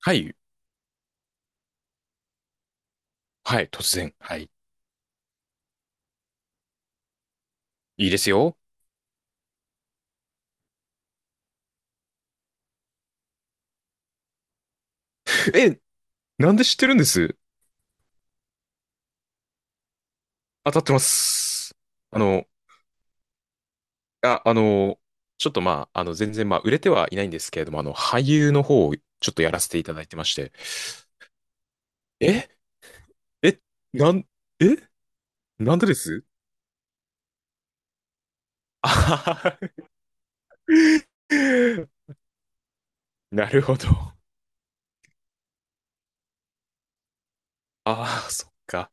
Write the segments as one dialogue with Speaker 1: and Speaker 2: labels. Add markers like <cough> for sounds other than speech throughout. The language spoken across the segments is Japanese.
Speaker 1: はい。はい。突然。はい。いいですよ。え、なんで知ってるんです？当たってます。あの、あ、あの、ちょっとまあ、全然まあ、売れてはいないんですけれども、俳優の方をちょっとやらせていただいてまして。え、え、なん、え、なんでです？あははは。 <laughs> なるほど。ああ、そっか。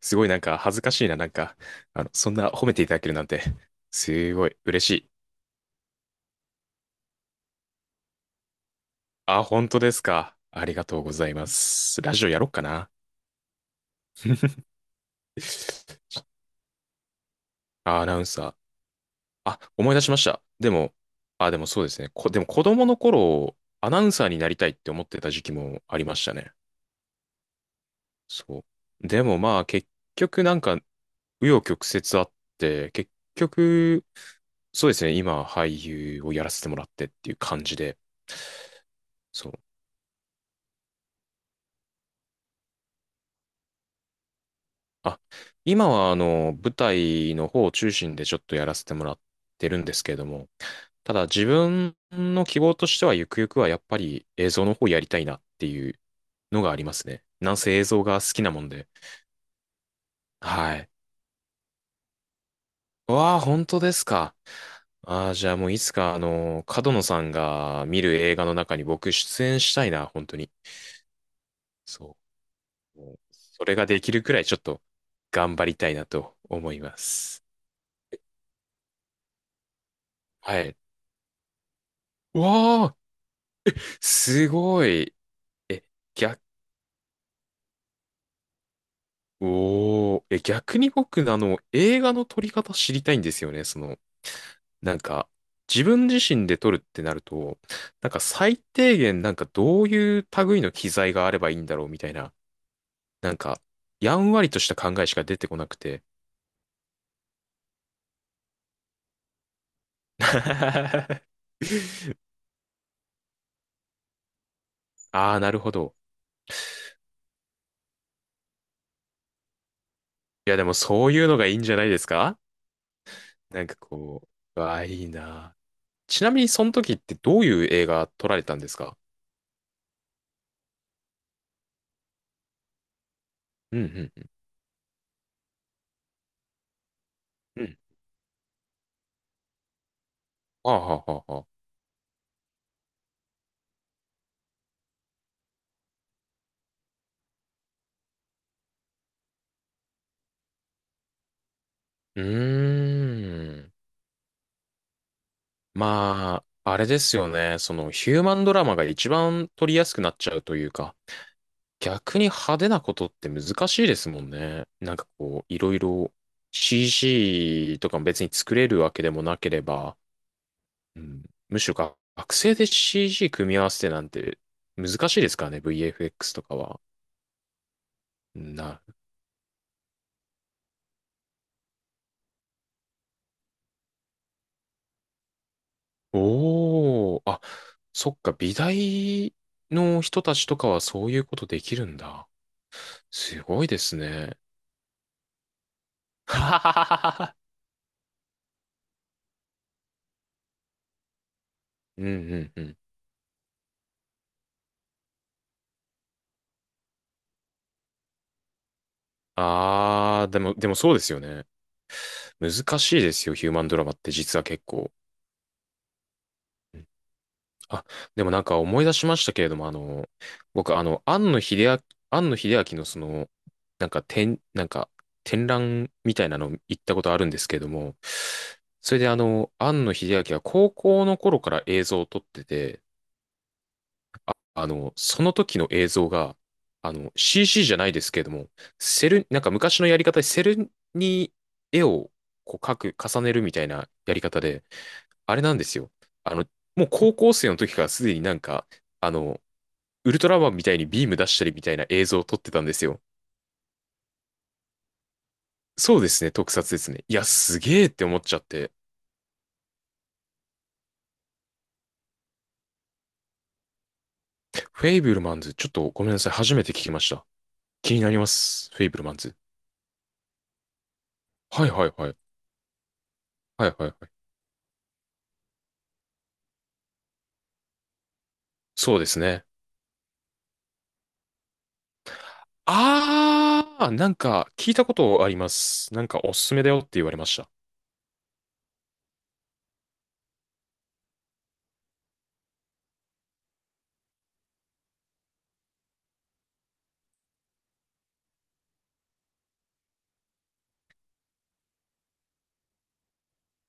Speaker 1: すごいなんか恥ずかしいな。なんか、そんな褒めていただけるなんて、すごい嬉しい。あ、本当ですか。ありがとうございます。ラジオやろっかな。<laughs> あ、アナウンサー。あ、思い出しました。でも、あ、でもそうですね。でも子供の頃、アナウンサーになりたいって思ってた時期もありましたね。そう。でもまあ、結局なんか、紆余曲折あって、結局、そうですね。今、俳優をやらせてもらってっていう感じで、そう。あ、今は舞台の方を中心でちょっとやらせてもらってるんですけれども、ただ自分の希望としてはゆくゆくはやっぱり映像の方やりたいなっていうのがありますね。なんせ映像が好きなもんで。はい。わあ、本当ですか。ああ、じゃあもういつか角野さんが見る映画の中に僕出演したいな、本当に。そう。もうそれができるくらいちょっと頑張りたいなと思います。はい。わあ、すごい。え、逆おお、え、逆に僕、映画の撮り方知りたいんですよね。なんか、自分自身で撮るってなると、なんか最低限、なんかどういう類の機材があればいいんだろうみたいな、なんか、やんわりとした考えしか出てこなくて。<laughs> ああ、なるほど。いや、でもそういうのがいいんじゃないですか？なんかこう、わあ、いいな。ちなみに、その時ってどういう映画撮られたんですか？うんうんうん。はあはあはあはあ。うーん。まあ、あれですよね。そのヒューマンドラマが一番撮りやすくなっちゃうというか、逆に派手なことって難しいですもんね。なんかこう、いろいろ CG とかも別に作れるわけでもなければ、うん、むしろが学生で CG 組み合わせてなんて難しいですからね。VFX とかは。な、おー、あ、そっか、美大の人たちとかはそういうことできるんだ。すごいですね。<laughs> ははははは。うんうんうん。ああ、でもそうですよね。難しいですよ、ヒューマンドラマって実は結構。うん。あ、でもなんか思い出しましたけれども、僕、庵野秀明のその、なんか展、なんか展覧みたいなの行ったことあるんですけれども、それで庵野秀明は高校の頃から映像を撮ってて、その時の映像が、CC じゃないですけれども、セル、なんか昔のやり方でセルに絵をこう描く、重ねるみたいなやり方で、あれなんですよ。あの、もう高校生の時からすでになんか、あの、ウルトラマンみたいにビーム出したりみたいな映像を撮ってたんですよ。そうですね、特撮ですね。いや、すげえって思っちゃって。フェイブルマンズ、ちょっとごめんなさい、初めて聞きました。気になります、フェイブルマンズ。はいはいはい。はいはいはい。そうですね。ああ、なんか聞いたことあります。なんかおすすめだよって言われました。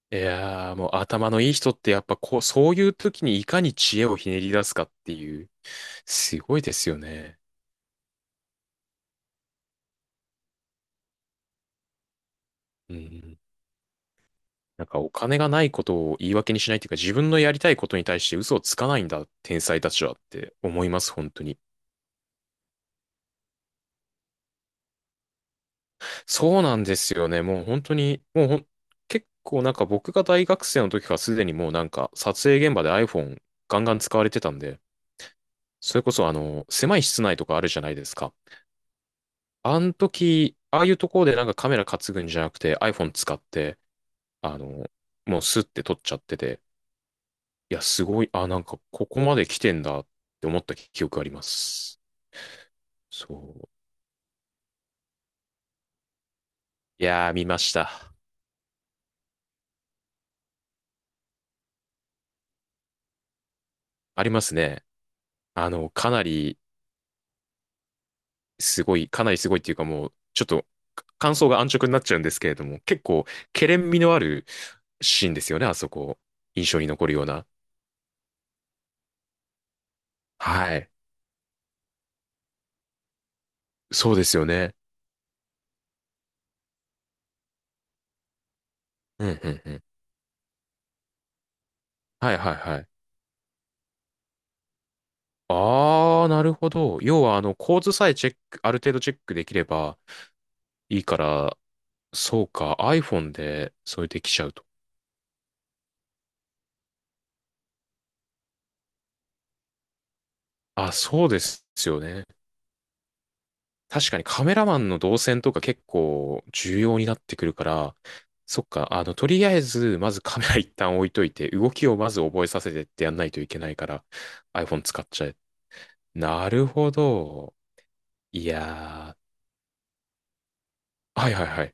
Speaker 1: いやー、もう頭のいい人ってやっぱこう、そういう時にいかに知恵をひねり出すかっていう、すごいですよね。うん。なんかお金がないことを言い訳にしないっていうか、自分のやりたいことに対して嘘をつかないんだ、天才たちはって思います、本当に。そうなんですよね。もう本当に、もうほん、結構なんか僕が大学生の時からすでにもうなんか撮影現場で iPhone ガンガン使われてたんで、それこそ狭い室内とかあるじゃないですか。あの時、ああいうところでなんかカメラ担ぐんじゃなくて iPhone 使って、あの、もうスッて撮っちゃってて、いや、すごい、あ、なんかここまで来てんだって思った記憶あります。そう。いやー、見ました。ありますね。かなりすごい、かなりすごいっていうかもう、ちょっと感想が安直になっちゃうんですけれども、結構、けれん味のあるシーンですよね、あそこ。印象に残るような。はい。そうですよね。うんうんうん。はいはいはい。ああ、なるほど。要は、構図さえチェック、ある程度チェックできればいいから、そうか、iPhone でそれできちゃうと。あ、そうですよね。確かにカメラマンの動線とか結構重要になってくるから、そっか、とりあえず、まずカメラ一旦置いといて、動きをまず覚えさせてってやんないといけないから、iPhone 使っちゃえ。なるほど。いやー。はいはいはい。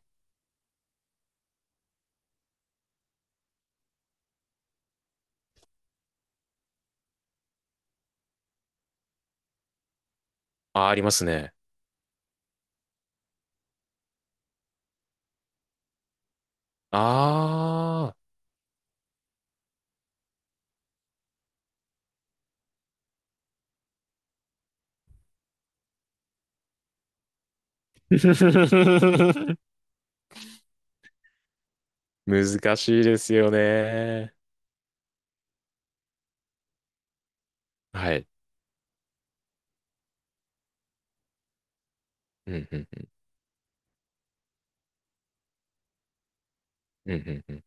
Speaker 1: あ、ありますね。あー、<laughs> 難しいですよね。はい。うんうんうんうんうん。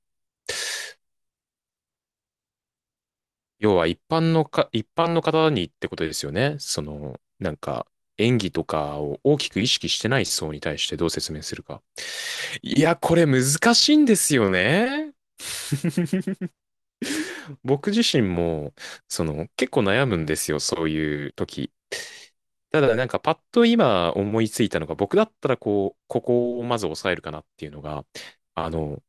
Speaker 1: 要は一般の方にってことですよね。なんか、演技とかを大きく意識してない層に対してどう説明するか。いや、これ難しいんですよね。僕自身も、結構悩むんですよ、そういう時。ただ、なんか、パッと今思いついたのが、僕だったら、こう、ここをまず抑えるかなっていうのが、あの、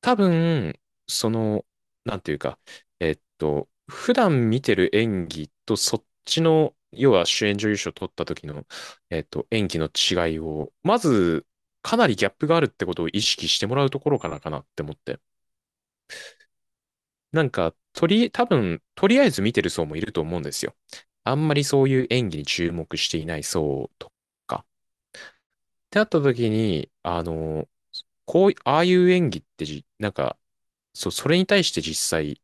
Speaker 1: 多分、その、なんていうか、普段見てる演技とそっちの、要は主演女優賞取った時の、演技の違いを、まず、かなりギャップがあるってことを意識してもらうところからかなって思って。なんか、多分、とりあえず見てる層もいると思うんですよ。あんまりそういう演技に注目していない層とか。ってなった時に、こうい、ああいう演技ってなんか、そう、それに対して実際、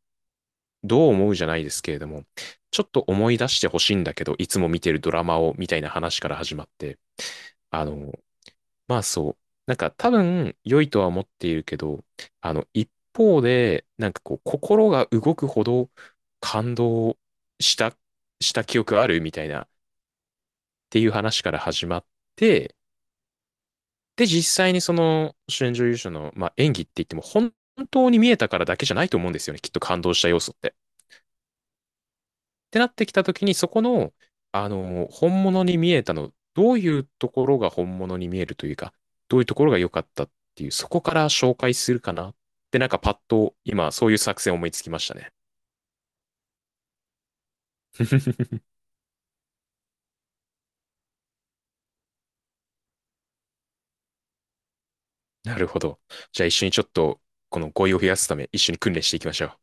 Speaker 1: どう思うじゃないですけれども、ちょっと思い出してほしいんだけど、いつも見てるドラマを、みたいな話から始まって、あの、まあそう、なんか多分良いとは思っているけど、一方で、なんかこう、心が動くほど感動した、した記憶あるみたいな、っていう話から始まって、で、実際にその主演女優賞の、まあ、演技って言っても、本当に見えたからだけじゃないと思うんですよね、きっと感動した要素って。てなってきたときに、そこの、本物に見えたの、どういうところが本物に見えるというか、どういうところが良かったっていう、そこから紹介するかなって、なんかパッと今、そういう作戦思いつきましたね。なるほど。じゃあ一緒にちょっと、この語彙を増やすため、一緒に訓練していきましょう。